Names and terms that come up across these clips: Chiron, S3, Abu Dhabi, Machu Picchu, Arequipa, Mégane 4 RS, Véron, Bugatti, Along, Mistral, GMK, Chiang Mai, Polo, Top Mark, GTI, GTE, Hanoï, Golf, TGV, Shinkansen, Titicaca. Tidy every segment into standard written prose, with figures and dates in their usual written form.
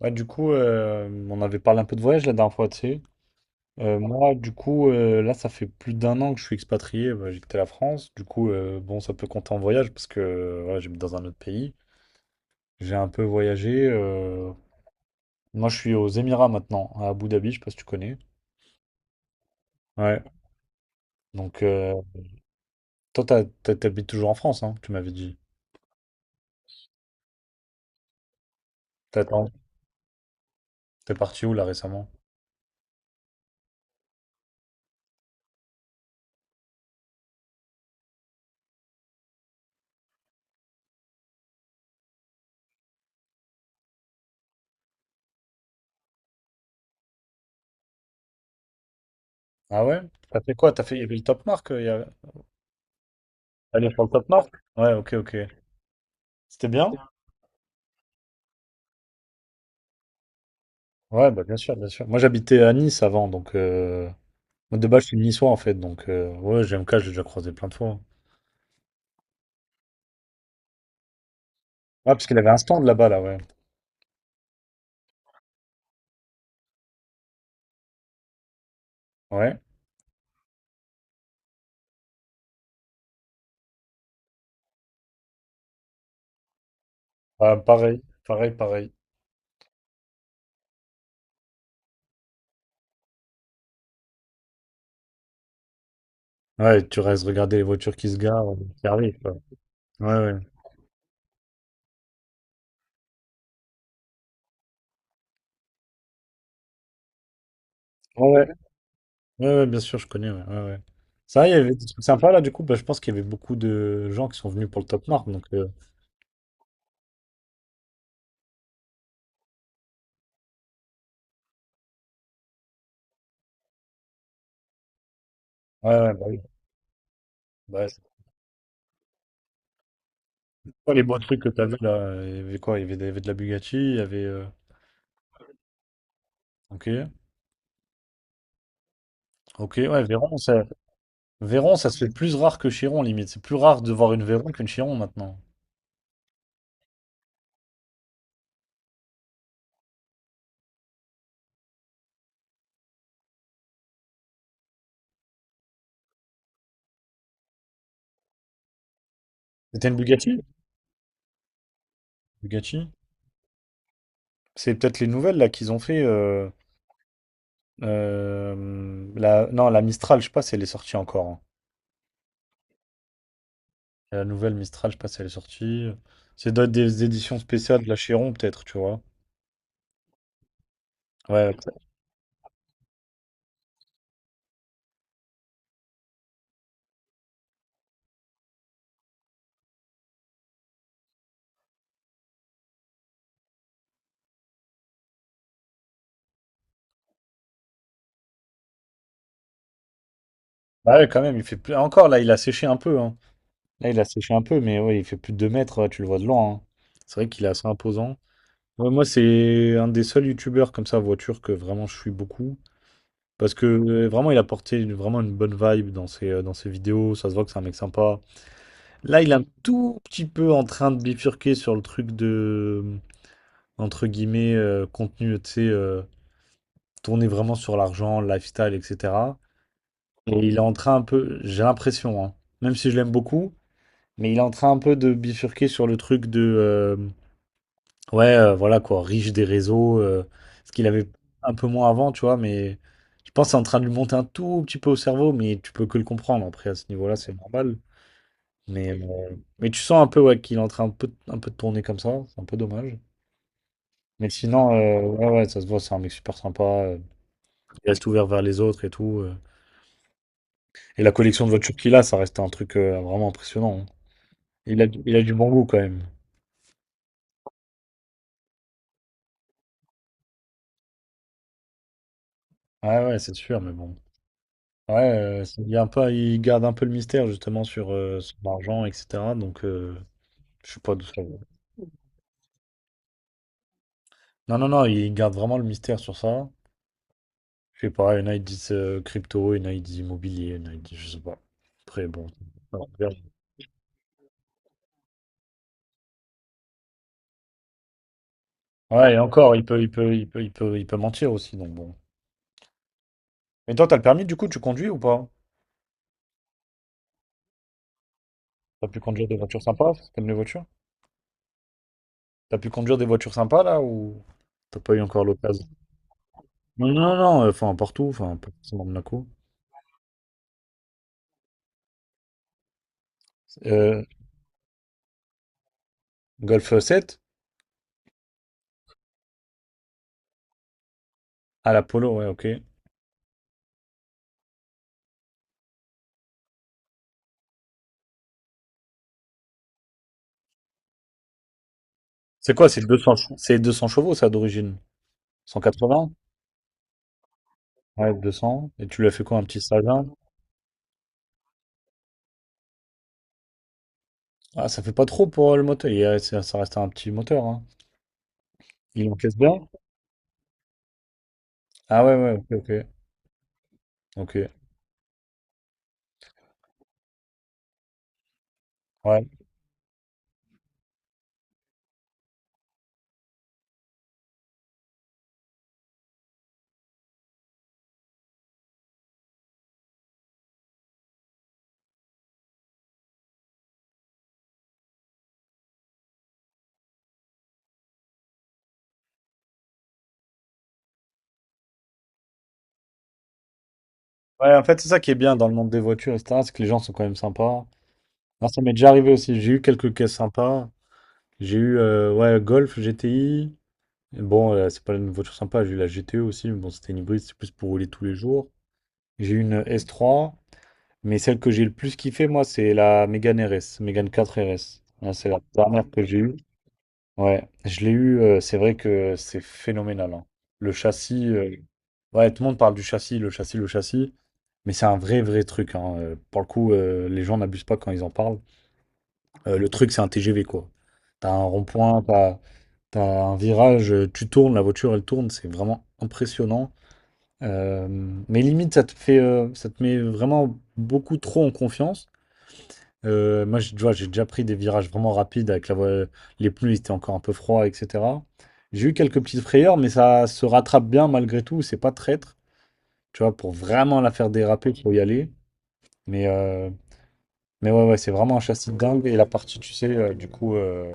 Ouais, du coup, on avait parlé un peu de voyage la dernière fois, tu sais. Moi, du coup, là, ça fait plus d'un an que je suis expatrié. Bah, j'ai quitté la France. Du coup, bon, ça peut compter en voyage parce que voilà, j'habite dans un autre pays. J'ai un peu voyagé. Moi, je suis aux Émirats maintenant, à Abu Dhabi, je sais pas si tu connais. Ouais. Donc, toi, t'habites toujours en France, hein, tu m'avais dit. T'as- T'es parti où là récemment? Ah ouais? T'as fait quoi? Il y avait le Top Mark. Allez, sur le Top Mark? Ouais, ok, ok. C'était bien? Ouais, bah bien sûr, bien sûr. Moi, j'habitais à Nice avant, donc moi, de base, je suis niçois en fait, donc ouais, GMK, j'ai déjà croisé plein de fois. Ouais, parce qu'il avait un stand là-bas, là, ouais. Ouais, bah, pareil, pareil, pareil. Ouais, tu restes regarder les voitures qui se garent, qui arrivent, quoi. Ouais, ouais. Ouais, ouais, ouais, ouais, bien sûr, je connais, ouais, ouais, ouais. Ça, il y avait des trucs sympas là, du coup, bah, je pense qu'il y avait beaucoup de gens qui sont venus pour le Top Mark, donc ouais, ouais, bah oui. Bah, c'est quoi les beaux trucs que t'avais là? Il y avait quoi? Il y avait, il y avait de la Bugatti. Il y avait. Ok, ok, ouais, Véron, ça. Véron, ça se fait plus rare que Chiron, limite. C'est plus rare de voir une Véron qu'une Chiron maintenant. C'était une Bugatti? Bugatti? C'est peut-être les nouvelles là qu'ils ont fait. Non, la Mistral, je sais pas si elle est sortie encore, hein. La nouvelle Mistral, je sais pas si elle est sortie. C'est doit être des éditions spéciales de la Chiron, peut-être, tu vois. Ouais, bah ouais, quand même, il fait plus. Encore là, il a séché un peu, hein. Là, il a séché un peu, mais ouais, il fait plus de 2 mètres, ouais, tu le vois de loin, hein. C'est vrai qu'il est assez imposant. Ouais, moi, c'est un des seuls youtubeurs comme ça, voiture, que vraiment je suis beaucoup. Parce que vraiment, il a porté vraiment une bonne vibe dans ses vidéos. Ça se voit que c'est un mec sympa. Là, il est un tout petit peu en train de bifurquer sur le truc de, entre guillemets, contenu, tu sais, tourné vraiment sur l'argent, le lifestyle, etc. Et il est en train un peu, j'ai l'impression, hein, même si je l'aime beaucoup, mais il est en train un peu de bifurquer sur le truc de. Ouais, voilà quoi, riche des réseaux, ce qu'il avait un peu moins avant, tu vois, mais je pense que c'est en train de lui monter un tout petit peu au cerveau, mais tu peux que le comprendre. Après, à ce niveau-là, c'est normal. Mais tu sens un peu ouais, qu'il est en train un peu de tourner comme ça, c'est un peu dommage. Mais sinon, ouais, ouais, ça se voit, c'est un mec super sympa, il reste ouvert vers les autres et tout. Et la collection de voitures qu'il a, ça reste un truc vraiment impressionnant, hein. Il a, il a du bon goût quand même. Ouais, ouais, c'est sûr, mais bon. Ouais, il y a un peu, il garde un peu le mystère justement sur son argent, etc. Donc, je sais pas d'où ça vient. Non, non, non, il garde vraiment le mystère sur ça. Je sais pas, il y en a, ils disent crypto, il y en a, ils disent immobilier, il y en a, ils disent, je sais pas. Après, bon. Ouais, et encore, il peut mentir aussi, donc bon. Mais toi, t'as le permis du coup, tu conduis ou pas? T'as pu conduire des voitures sympas? T'aimes les voitures? T'as pu conduire des voitures sympas là ou t'as pas eu encore l'occasion? Non, non, non, non, enfin, partout, enfin, pas forcément Monaco. Euh, Golf 7. Ah, la Polo, ouais, ok. C'est quoi, c'est 200 chevaux, ça, d'origine? 180? Ouais, 200. Et tu lui as fait quoi, un petit stage-là? Ah, ça fait pas trop pour le moteur. Il y ça ça reste un petit moteur, hein. Il encaisse bien? Ah ouais, ouais, ok, ok. Ok, ouais. Ouais, en fait, c'est ça qui est bien dans le monde des voitures, et cetera, c'est que les gens sont quand même sympas. Non, ça m'est déjà arrivé aussi. J'ai eu quelques caisses sympas. J'ai eu, ouais, Golf, GTI. Bon, c'est pas une voiture sympa. J'ai eu la GTE aussi, mais bon, c'était une hybride, c'est plus pour rouler tous les jours. J'ai eu une S3. Mais celle que j'ai le plus kiffé, moi, c'est la Mégane RS, Mégane 4 RS. Là, c'est la dernière que j'ai eue. Ouais, je l'ai eue. C'est vrai que c'est phénoménal, hein. Le châssis, ouais, tout le monde parle du châssis, le châssis, le châssis. Mais c'est un vrai, vrai truc, hein. Pour le coup, les gens n'abusent pas quand ils en parlent. Le truc, c'est un TGV, quoi. T'as un rond-point, t'as un virage, tu tournes, la voiture, elle tourne. C'est vraiment impressionnant. Euh, mais limite, ça te met vraiment beaucoup trop en confiance. Moi, tu vois, j'ai déjà pris des virages vraiment rapides avec les pneus, ils étaient encore un peu froids, etc. J'ai eu quelques petites frayeurs, mais ça se rattrape bien malgré tout. C'est pas traître, tu vois, pour vraiment la faire déraper, faut y aller. Mais, euh, mais ouais, ouais, c'est vraiment un châssis de dingue. Et la partie, tu sais, du coup,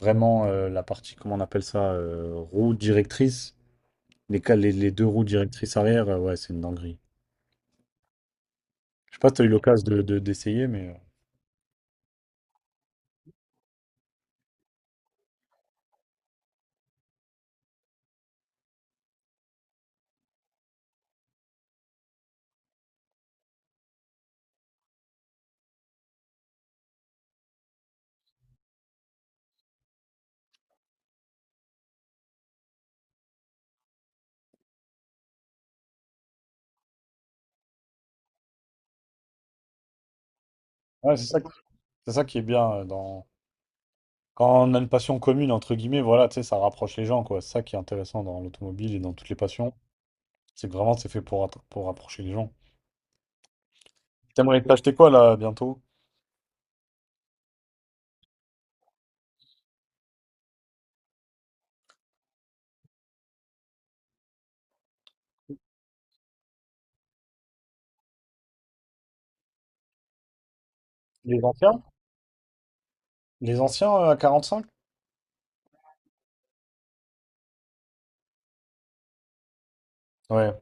vraiment la partie, comment on appelle ça, roue directrice, les deux roues directrices arrière, ouais, c'est une dinguerie. Je sais pas si tu as eu l'occasion d'essayer, mais ouais, c'est ça qui est bien dans. Quand on a une passion commune, entre guillemets, voilà, tu sais, ça rapproche les gens, quoi. C'est ça qui est intéressant dans l'automobile et dans toutes les passions. C'est que vraiment, c'est fait pour, pour rapprocher les gens. T'aimerais t'acheter quoi, là, bientôt? Les anciens? Les anciens à cinq. Ouais.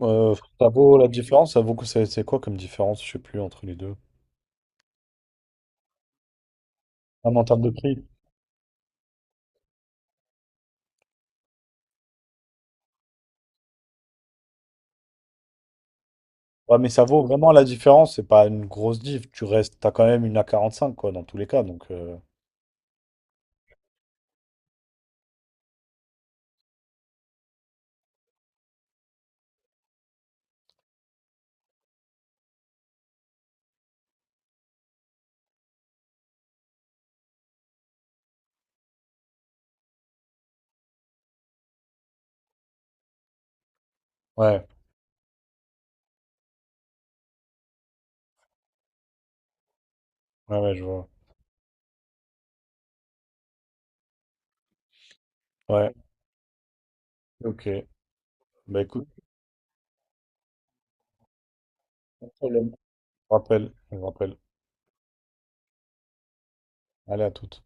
Euh, Ça vaut la différence? Ça vaut que c'est quoi comme différence? Je sais plus, entre les deux. Même en termes de prix. Ouais, mais ça vaut vraiment la différence. C'est pas une grosse diff. Tu restes, t'as quand même une a cinq, quoi, dans tous les cas. Donc, ouais, ouais, ouais, je vois. Ouais, ok. Bah, écoute, pas de problème. Je rappelle, je rappelle. Allez, à toute.